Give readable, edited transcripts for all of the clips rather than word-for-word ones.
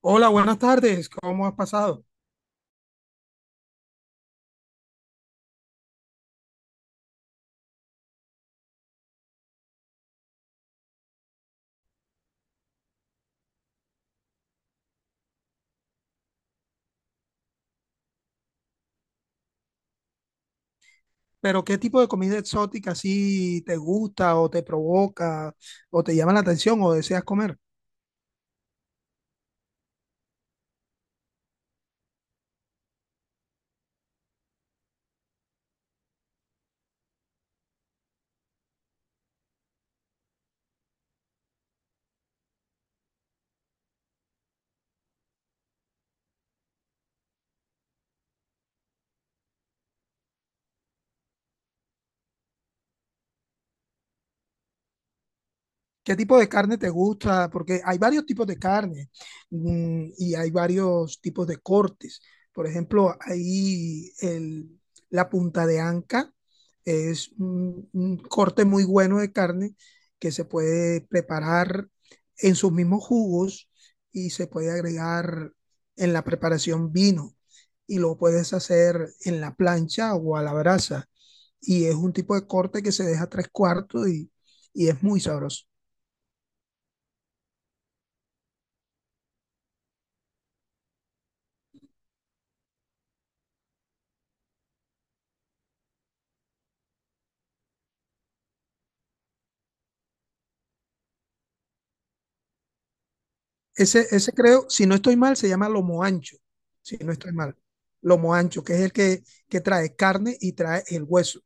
Hola, buenas tardes. ¿Cómo has pasado? Pero ¿qué tipo de comida exótica así te gusta o te provoca o te llama la atención o deseas comer? ¿Qué tipo de carne te gusta? Porque hay varios tipos de carne, y hay varios tipos de cortes. Por ejemplo, la punta de anca es un corte muy bueno de carne que se puede preparar en sus mismos jugos, y se puede agregar en la preparación vino, y lo puedes hacer en la plancha o a la brasa. Y es un tipo de corte que se deja tres cuartos y es muy sabroso. Ese creo, si no estoy mal, se llama lomo ancho, si no estoy mal. Lomo ancho, que es que trae carne y trae el hueso.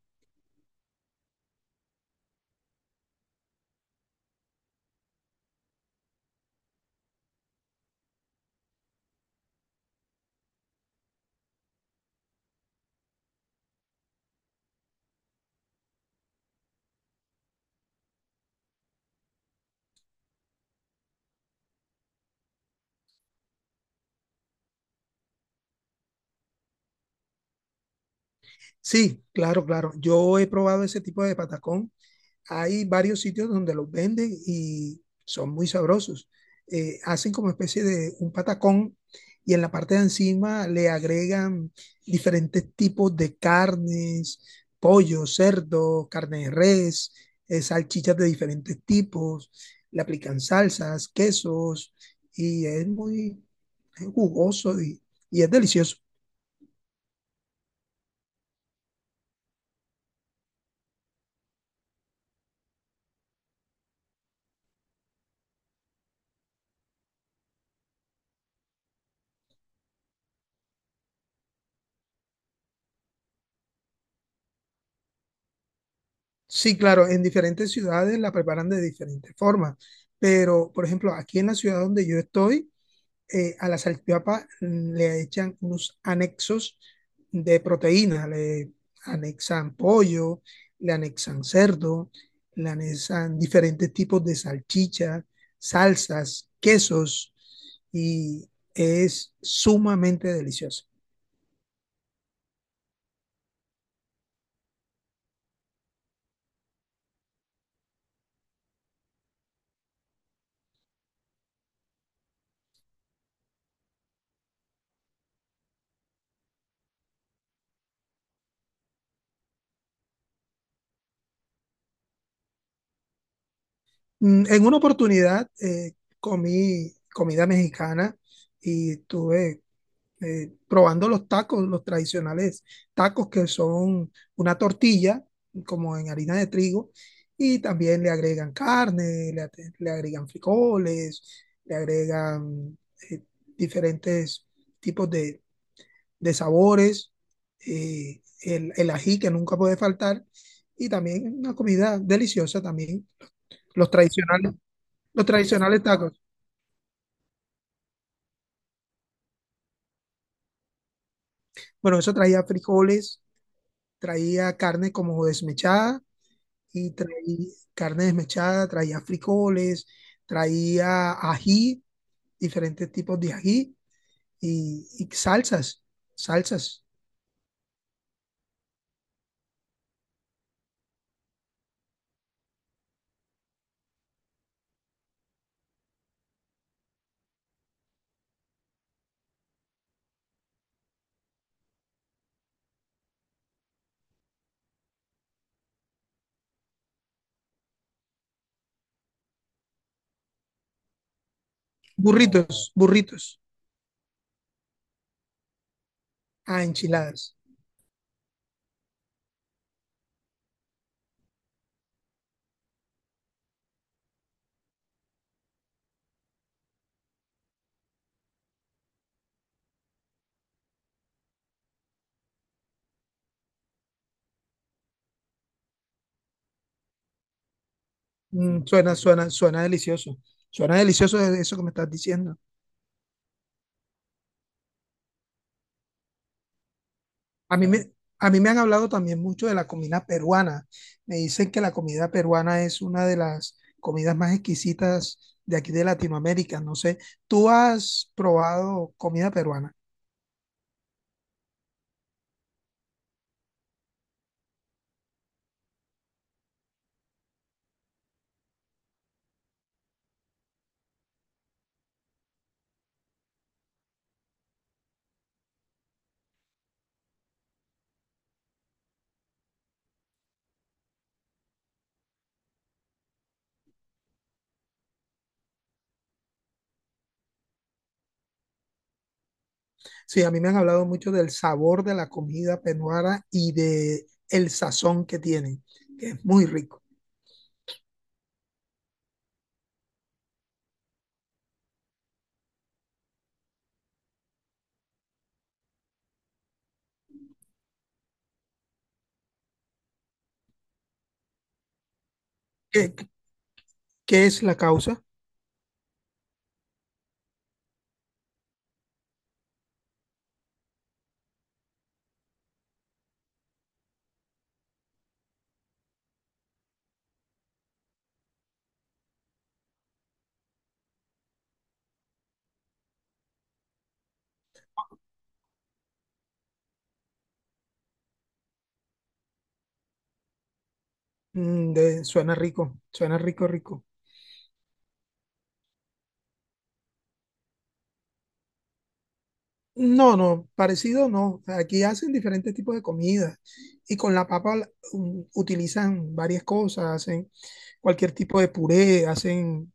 Sí, claro, claro. Yo he probado ese tipo de patacón, hay varios sitios donde los venden y son muy sabrosos. Hacen como especie de un patacón, y en la parte de encima le agregan diferentes tipos de carnes: pollo, cerdo, carne de res, salchichas de diferentes tipos, le aplican salsas, quesos, y es muy es jugoso y es delicioso. Sí, claro, en diferentes ciudades la preparan de diferentes formas, pero por ejemplo, aquí en la ciudad donde yo estoy, a la salchipapa le echan unos anexos de proteína, le anexan pollo, le anexan cerdo, le anexan diferentes tipos de salchicha, salsas, quesos, y es sumamente delicioso. Mm, en una oportunidad comí comida mexicana y tuve probando los tacos, los tradicionales tacos, que son una tortilla como en harina de trigo, y también le agregan carne, le agregan frijoles, le agregan eh, diferentes tipos de sabores, el ají que nunca puede faltar, y también una comida deliciosa también, los tradicionales, los tradicionales tacos. Bueno, eso traía frijoles, traía carne como desmechada, y traía carne desmechada, traía frijoles, traía ají, diferentes tipos de ají, y salsas, salsas, burritos, burritos, ah, enchiladas. Mm, suena, suena, suena delicioso. Suena eso que me estás diciendo. A mí me, a mí me han hablado también mucho de la comida peruana. Me dicen que la comida peruana es una de las comidas más exquisitas de aquí de Latinoamérica. No sé, ¿tú has probado comida peruana? Sí, a mí me han hablado mucho del sabor de la comida peruana y de el sazón que tienen, que es muy rico. ¿Qué, qué- es la causa? Mm, suena rico, rico. No, no, parecido no. Aquí hacen diferentes tipos de comidas, y con la papa mm, utilizan varias cosas, hacen cualquier tipo de puré, hacen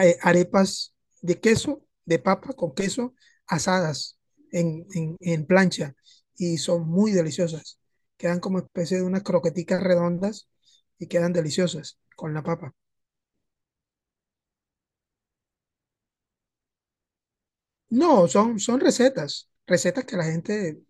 arepas de queso, de papa con queso, asadas en plancha, y son muy deliciosas. Quedan como especie de unas croqueticas redondas y quedan deliciosas con la papa. No, son, son recetas, recetas que la gente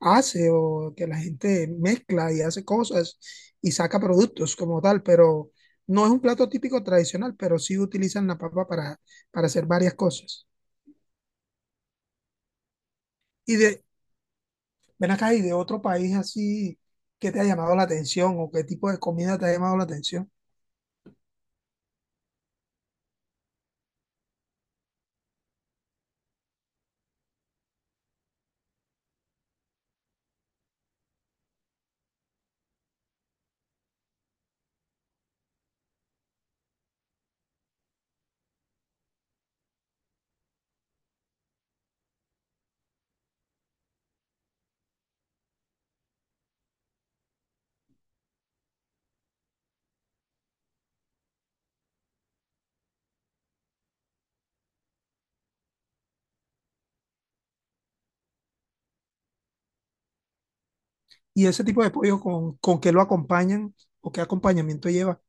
hace, o que la gente mezcla y hace cosas y saca productos como tal, pero no es un plato típico tradicional, pero sí utilizan la papa para hacer varias cosas. Y de, Ven acá, y de otro país así, ¿que te ha llamado la atención o qué tipo de comida te ha llamado la atención? Y ese tipo de pollo con qué lo acompañan, o qué acompañamiento lleva.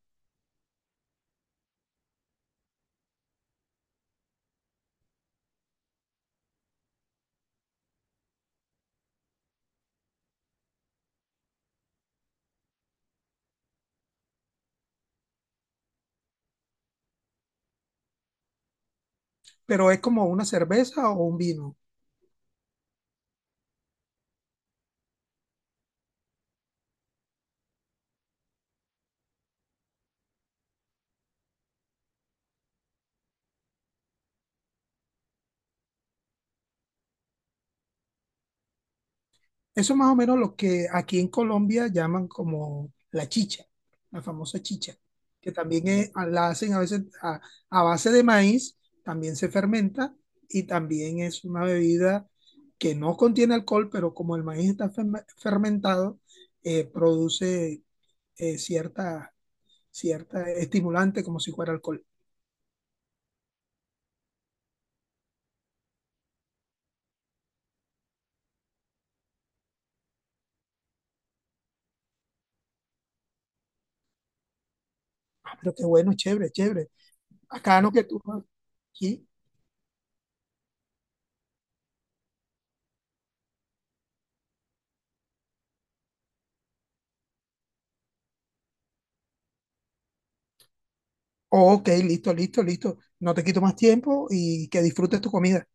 Pero ¿es como una cerveza o un vino? Eso es más o menos lo que aquí en Colombia llaman como la chicha, la famosa chicha, que también es- ah, la hacen a veces a base de maíz, también se fermenta, y también es una bebida que no contiene alcohol, pero como el maíz está fermentado, produce eh, cierta, cierta estimulante, como si fuera alcohol. Ah, pero qué bueno, chévere, chévere. Acá no que tú... no, Aquí. Ok, listo, listo, listo. No te quito más tiempo, y que disfrutes tu comida.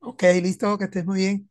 Ok, listo, que estés muy bien.